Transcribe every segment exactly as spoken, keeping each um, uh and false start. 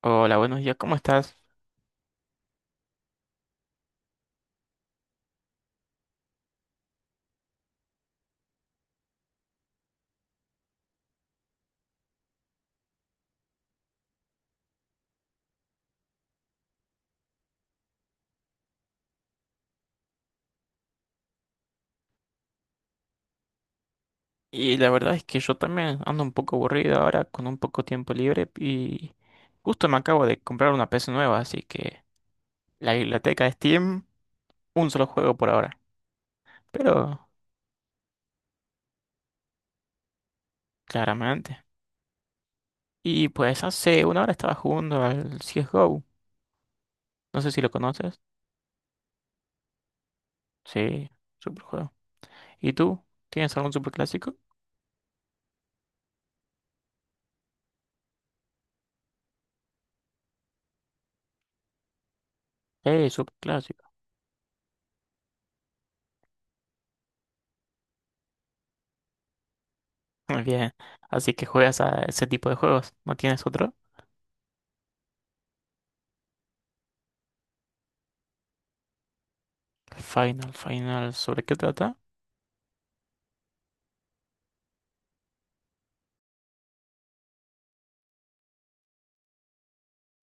Hola, buenos días, ¿cómo estás? Y la verdad es que yo también ando un poco aburrido ahora con un poco tiempo libre y justo me acabo de comprar una P C nueva, así que la biblioteca de Steam, un solo juego por ahora, pero claramente. Y pues hace una hora estaba jugando al C S G O, no sé si lo conoces. Sí, super juego. ¿Y tú? ¿Tienes algún super clásico? Eh, super clásico. Muy bien, así que juegas a ese tipo de juegos, ¿no tienes otro? Final, Final, ¿sobre qué trata?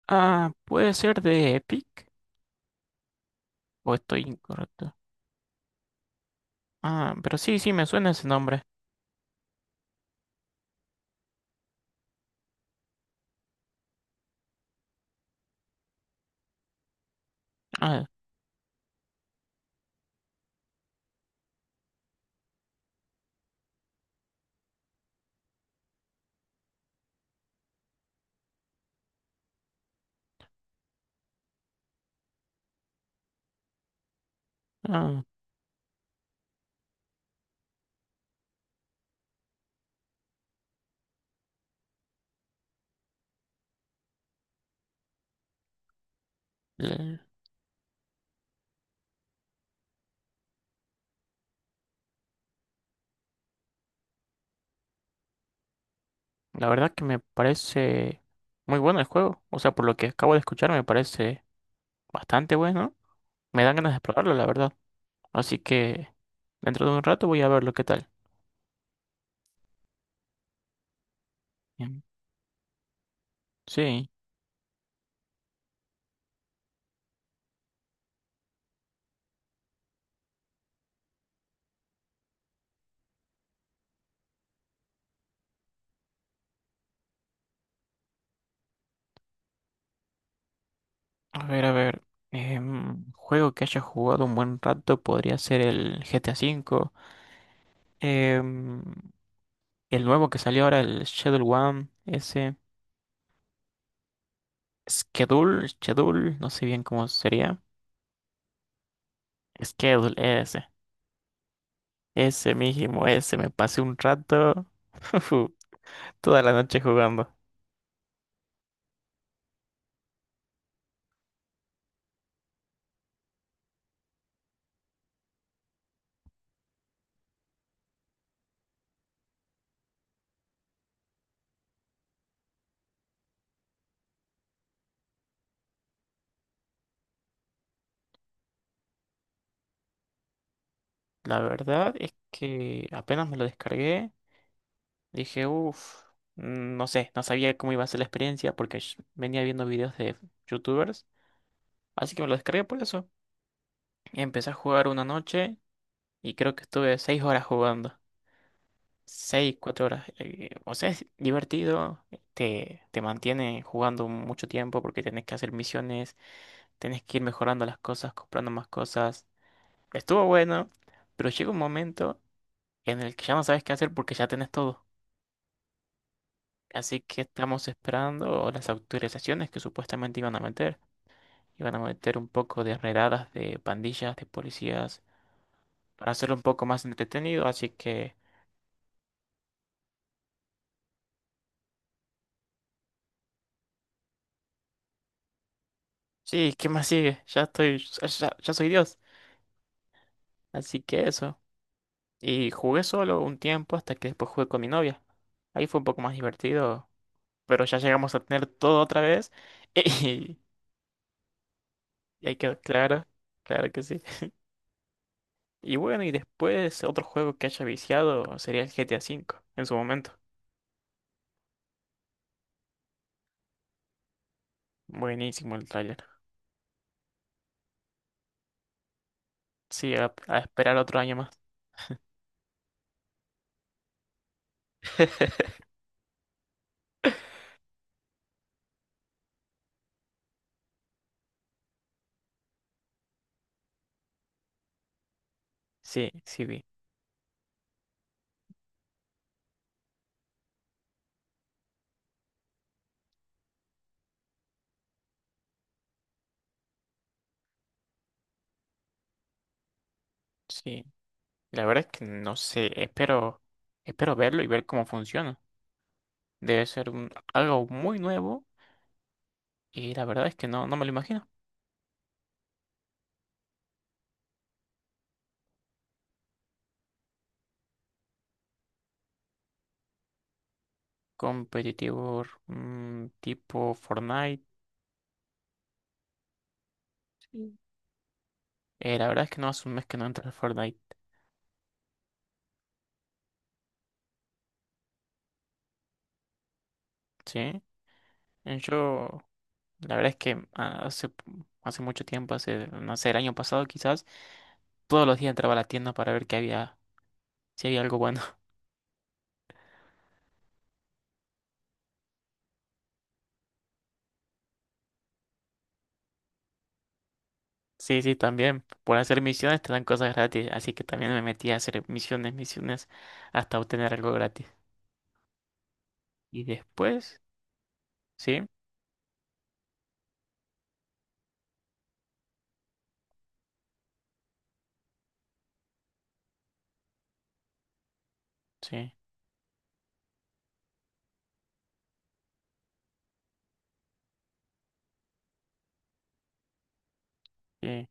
Ah, puede ser de Epic o estoy incorrecto. Ah, pero sí, sí, me suena ese nombre. Ah, ah, l- la verdad que me parece muy bueno el juego. O sea, por lo que acabo de escuchar, me parece bastante bueno. Me dan ganas de probarlo, la verdad. Así que dentro de un rato voy a ver lo que tal. Em, Sí, a ver, a ver. Em, juego que haya jugado un buen rato podría ser el G T A cinco. em, el nuevo que salió ahora, el Shadow One, ese. Schedule, schedule, no sé bien cómo sería. Schedule, ese. Ese mismo, ese. Me pasé un rato, toda la noche jugando. La verdad es que apenas me lo descargué, dije, uff, no sé, no sabía cómo iba a ser la experiencia porque sh- venía viendo videos de youtubers. Así que me lo descargué por eso. Empecé a jugar una noche y creo que estuve seis horas jugando. Seis, cuatro horas. Eh, o sea, es divertido, te, te mantiene jugando mucho tiempo porque tenés que hacer misiones, tenés que ir mejorando las cosas, comprando más cosas. Estuvo bueno, pero llega un momento en el que ya no sabes qué hacer porque ya tenés todo. Así que estamos esperando las autorizaciones que supuestamente iban a meter. Iban a meter un poco de redadas de pandillas, de policías, para hacerlo un poco más entretenido. Así que, sí, ¿qué más sigue? Ya estoy, ya ya- ya soy Dios. Así que eso. Y jugué solo un tiempo hasta que después jugué con mi novia. Ahí fue un poco más divertido, pero ya llegamos a tener todo otra vez. Y, y hay que, claro, claro que sí. Y bueno, y después otro juego que haya viciado sería el G T A cinco en su momento. Buenísimo el tráiler. Sí, a, a esperar otro año más. Sí, sí vi. Sí. La verdad es que no sé, espero, espero verlo y ver cómo funciona. Debe ser un- algo muy nuevo y la verdad es que no, no me lo imagino. competitivo mm, tipo Fortnite. Sí. Eh, la verdad es que no hace un mes que no entro al Fortnite, ¿sí? Eh, Yo, la verdad es que ah, hace, hace mucho tiempo, hace, no sé, el año pasado quizás, todos los días entraba a la tienda para ver qué había, si había algo bueno. Sí, sí, también. Por hacer misiones te dan cosas gratis, así que también me metí a hacer misiones, misiones, hasta obtener algo gratis. Y después, sí, sí, sí.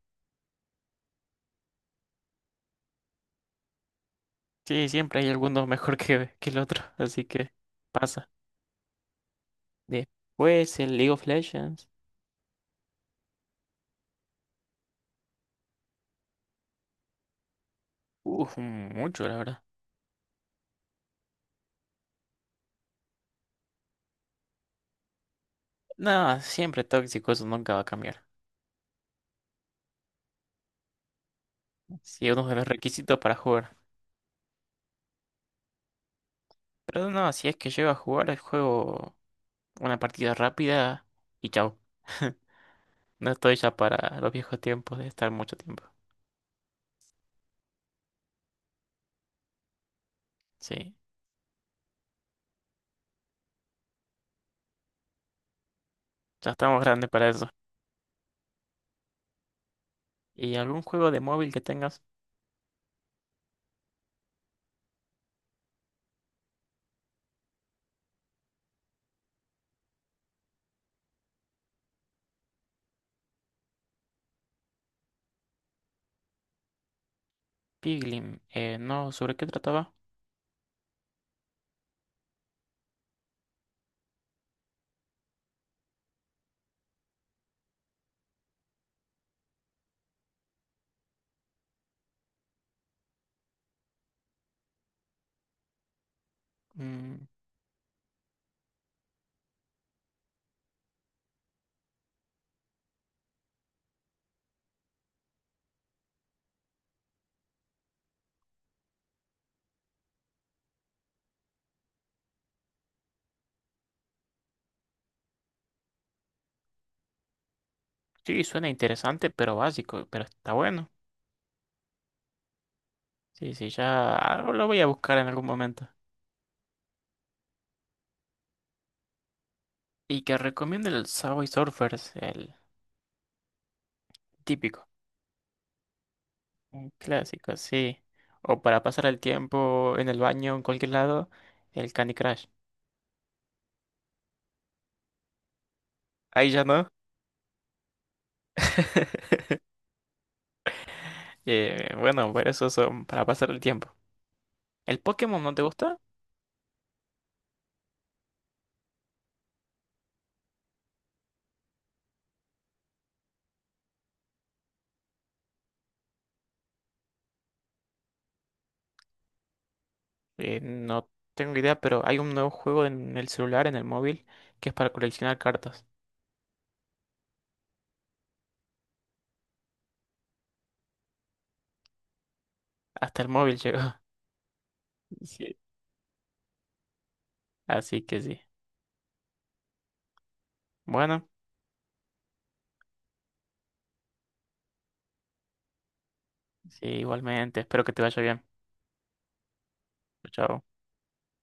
Sí, siempre hay alguno mejor que, que el otro, así que pasa. Después el League of Legends. Uf, mucho, la verdad. Nada, siempre tóxico, eso nunca va a cambiar. Sí, uno de los requisitos para jugar. Pero no, si es que llego a jugar el juego una partida rápida y chao. No estoy ya para los viejos tiempos de estar mucho tiempo. Sí, ya estamos grandes para eso. ¿Y algún juego de móvil que tengas? Piglin, eh, no, ¿sobre qué trataba? Mm, sí, suena interesante, pero básico, pero está bueno. Sí, sí, ya lo voy a buscar en algún momento. Y que recomiendo el Subway Surfers, el típico, un clásico, sí. O para pasar el tiempo en el baño, en cualquier lado, el Candy Crush. Ahí ya no. Eh, bueno, pero esos son para pasar el tiempo. ¿El Pokémon no te gusta? Eh, no tengo idea, pero hay un nuevo juego en el celular, en el móvil, que es para coleccionar cartas. Hasta el móvil llegó. Sí. Así que sí. Bueno, sí, igualmente. Espero que te vaya bien. Chao.